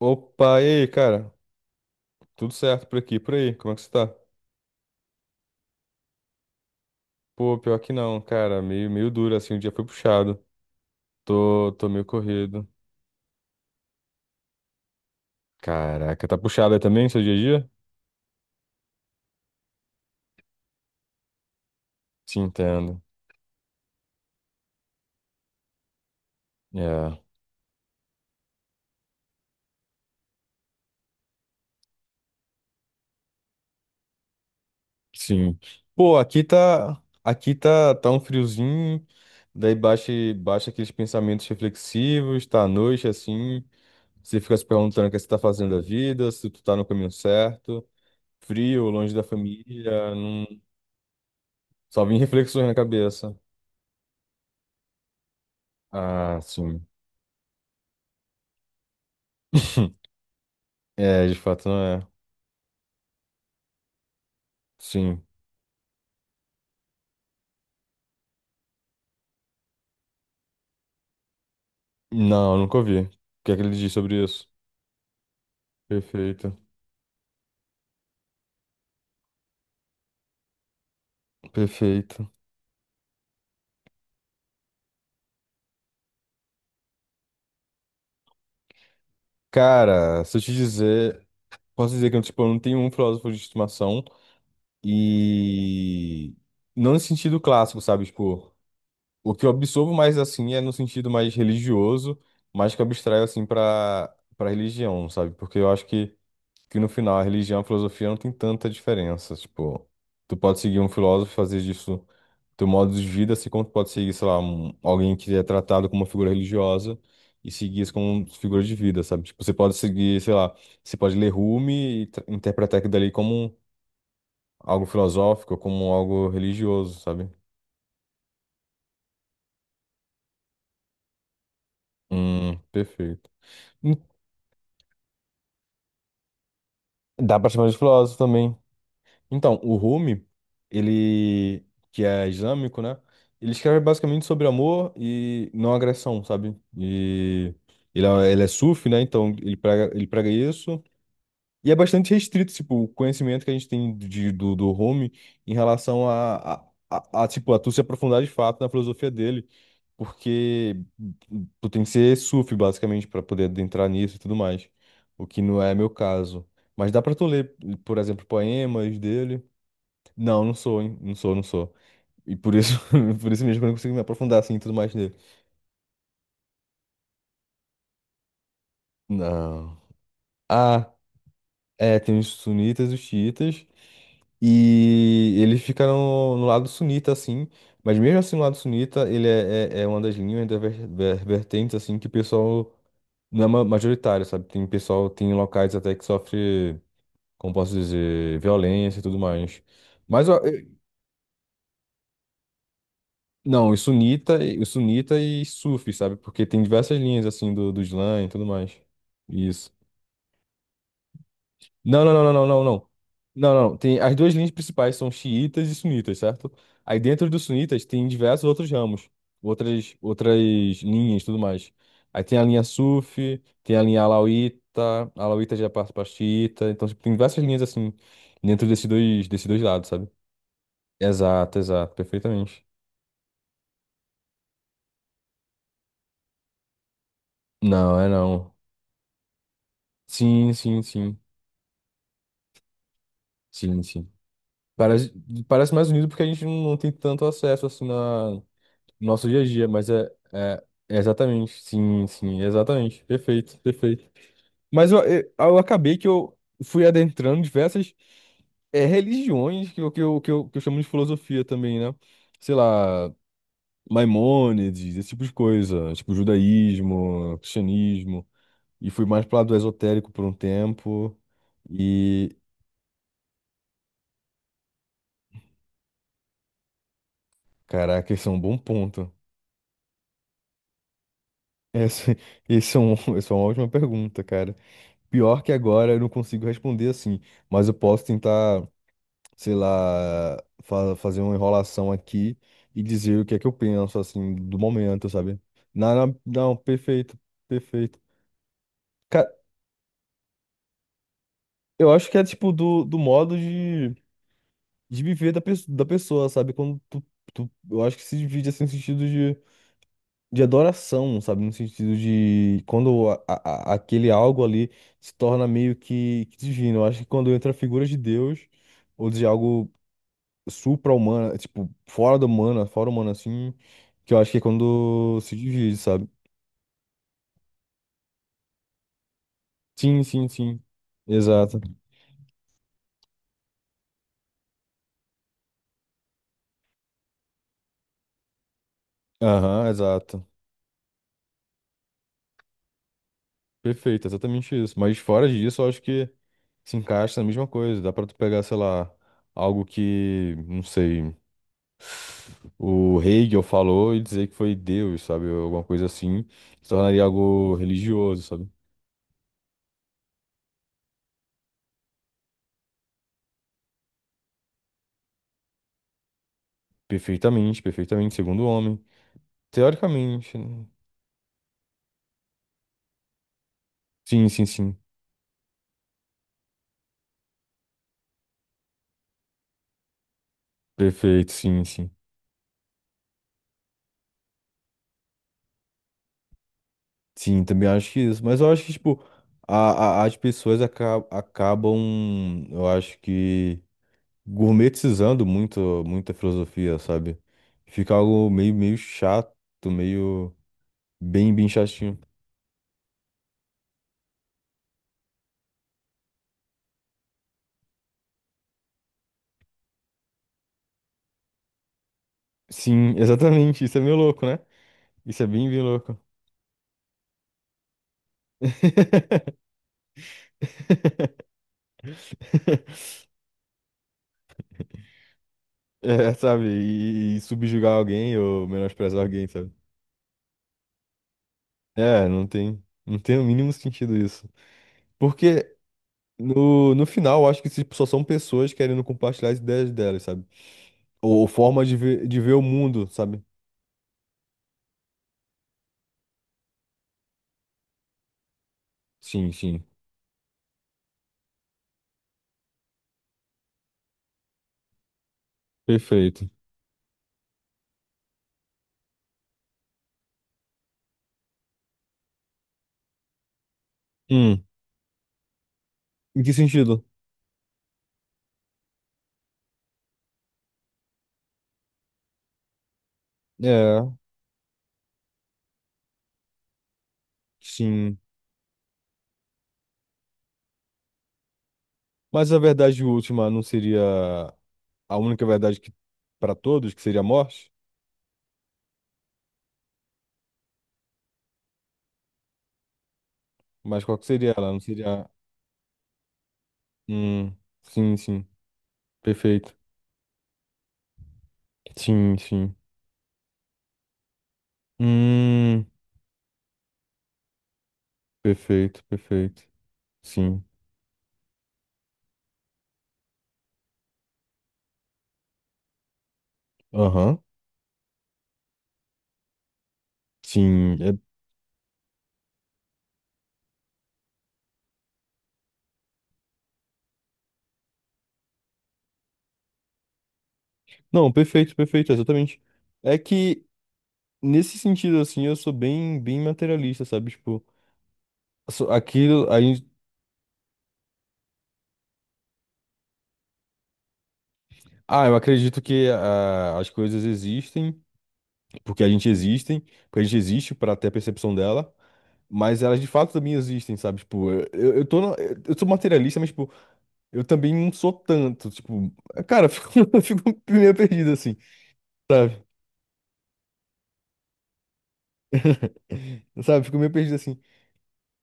Opa, e aí, cara? Tudo certo por aqui, por aí? Como é que você tá? Pô, pior que não, cara. Meio duro, assim, o dia foi puxado. Tô meio corrido. Caraca, tá puxado aí também, seu dia a dia? Te entendo. É, sim. Pô, tá um friozinho, daí baixa, baixa aqueles pensamentos reflexivos, tá à noite, assim, você fica se perguntando o que você tá fazendo da vida, se tu tá no caminho certo, frio, longe da família, não, só vem reflexões na cabeça. Ah, sim. É, de fato não é. Sim. Não, nunca ouvi. O que é que ele diz sobre isso? Perfeito. Perfeito. Cara, se eu te dizer, posso dizer que tipo, eu não tenho um filósofo de estimação e não no sentido clássico, sabe? Tipo, o que eu absorvo mais assim é no sentido mais religioso, mas que eu abstraio assim pra para religião, sabe? Porque eu acho que no final a religião e a filosofia não tem tanta diferença. Tipo, tu pode seguir um filósofo e fazer disso teu modo de vida, assim como tu pode seguir, sei lá, alguém que é tratado como uma figura religiosa e seguir isso como figura de vida, sabe? Tipo, você pode seguir, sei lá, você pode ler Rumi e interpretar aquilo dali como algo filosófico, como algo religioso, sabe? Perfeito. Hum, Dá pra chamar de filósofo também. Então, o Rumi, ele, que é islâmico, né? Ele escreve basicamente sobre amor e não agressão, sabe? E ele é sufi, né? Então, ele prega isso. E é bastante restrito, tipo, o conhecimento que a gente tem de, do Rumi em relação a, tipo, a tu se aprofundar de fato na filosofia dele. Porque tu tem que ser sufi, basicamente, para poder adentrar nisso e tudo mais. O que não é meu caso. Mas dá pra tu ler, por exemplo, poemas dele. Não, não sou, hein? Não sou, não sou. E por isso, por isso mesmo que eu não consigo me aprofundar assim e tudo mais nele. Não. Ah, é, tem os sunitas e os xiitas. E ele fica no, lado sunita, assim. Mas mesmo assim, no lado sunita, ele é uma das linhas, das vertentes, assim, que o pessoal não é majoritário, sabe? Tem pessoal, tem locais até que sofre, como posso dizer, violência e tudo mais. Mas eu, Não, sunita e sufi, sabe? Porque tem diversas linhas assim do Islã e tudo mais. Isso. Não, não, não, não, não, não, não. Não, não, não. Tem as duas linhas principais são xiitas e sunitas, certo? Aí dentro dos sunitas tem diversos outros ramos, outras linhas, e tudo mais. Aí tem a linha sufi, tem a linha alauíta, a alauíta já passa para xiita, então tipo, tem diversas linhas assim dentro desses dois lados, sabe? Exato, exato, perfeitamente. Não, é não. Sim, sim, sim. Sim, sim. Parece, parece mais unido porque a gente não tem tanto acesso assim no nosso dia a dia, mas é exatamente, sim, sim, exatamente. Perfeito, perfeito. Mas eu acabei que eu fui adentrando diversas religiões que eu chamo de filosofia também, né? Sei lá, Maimônides, esse tipo de coisa, tipo judaísmo, cristianismo, e fui mais pro lado esotérico por um tempo, e caraca, esse é um bom ponto. Essa, esse é um, essa é uma ótima pergunta, cara. Pior que agora eu não consigo responder assim, mas eu posso tentar, sei lá, fazer uma enrolação aqui e dizer o que é que eu penso, assim, do momento, sabe? Não, não, não, perfeito, perfeito. Cara, eu acho que é tipo do, modo de viver da pessoa, sabe? Eu acho que se divide assim, no sentido de adoração, sabe? No sentido de quando aquele algo ali se torna meio que divino. Eu acho que quando entra a figura de Deus ou de algo supra-humano, tipo, fora do humano, fora humano assim, que eu acho que é quando se divide, sabe? Sim, sim, sim. Exato. Aham, exato. Perfeito, exatamente isso. Mas fora disso, eu acho que se encaixa na mesma coisa. Dá pra tu pegar, sei lá, algo que, não sei. O Hegel falou e dizer que foi Deus, sabe? Alguma coisa assim, se tornaria algo religioso, sabe? Perfeitamente, perfeitamente, segundo o homem. Teoricamente, né? Sim, sim, sim. Perfeito, sim, sim. Sim, também acho que isso. Mas eu acho que, tipo, as pessoas acabam, eu acho que, gourmetizando muita filosofia, sabe? Fica algo meio chato, meio bem, bem chatinho. Sim, exatamente. Isso é meio louco, né? Isso é bem, bem louco. É, sabe? E subjugar alguém ou menosprezar alguém, sabe? É, não tem o mínimo sentido isso. Porque no, final, eu acho que tipo, só são pessoas querendo compartilhar as ideias delas, sabe? Ou formas de ver o mundo, sabe? Sim, sim. Perfeito. Hum, em que sentido? É, sim. Mas a verdade última não seria a única verdade que para todos, que seria a morte? Mas qual que seria ela? Não seria. Hum, sim, sim. Perfeito. Sim, sim. Hum, perfeito, perfeito. Sim. Aham. Sim. Não, perfeito, perfeito, exatamente. É que, nesse sentido, assim, eu sou bem, bem materialista, sabe? Tipo, aquilo. A gente... Ah, eu acredito que as coisas existem, porque a gente existem, porque a gente existe para ter a percepção dela. Mas elas de fato também existem, sabe? Tipo, eu tô, eu sou materialista, mas, tipo, eu também não sou tanto, tipo, cara, eu fico, eu fico meio perdido assim, sabe? Sabe, fico meio perdido assim.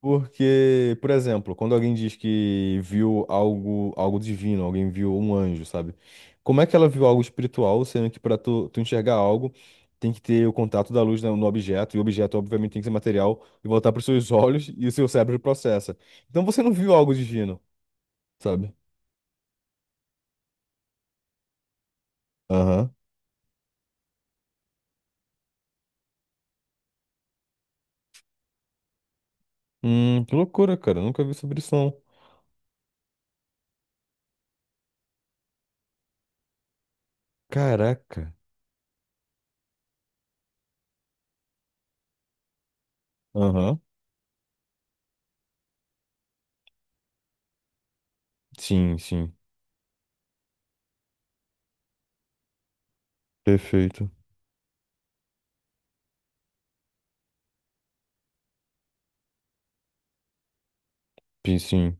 Porque, por exemplo, quando alguém diz que viu algo, algo divino, alguém viu um anjo, sabe? Como é que ela viu algo espiritual, sendo que para tu enxergar algo, tem que ter o contato da luz no objeto, e o objeto, obviamente, tem que ser material e voltar para os seus olhos e o seu cérebro processa. Então você não viu algo divino, sabe? Aham. Que loucura, cara. Nunca vi sobre isso, não. Caraca. Aham. Sim, sim. Perfeito. Sim,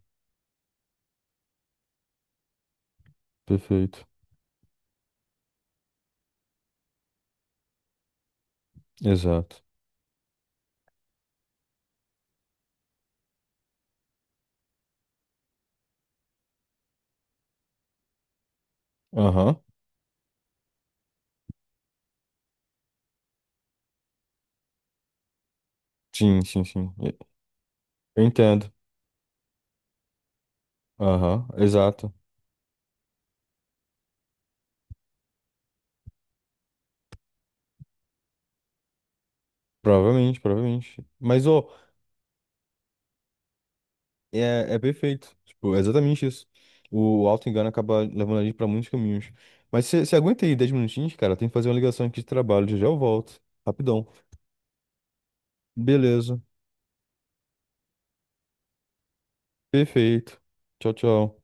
perfeito. Exato. Aham. Sim, sim, sim. Eu entendo. Aham, exato. Provavelmente, provavelmente. Mas, ô, é perfeito. Tipo, é exatamente isso. O auto-engano acaba levando a gente pra muitos caminhos. Mas você aguenta aí 10 minutinhos, cara? Tem que fazer uma ligação aqui de trabalho. Já já eu volto. Rapidão. Beleza. Perfeito. Tchau, tchau.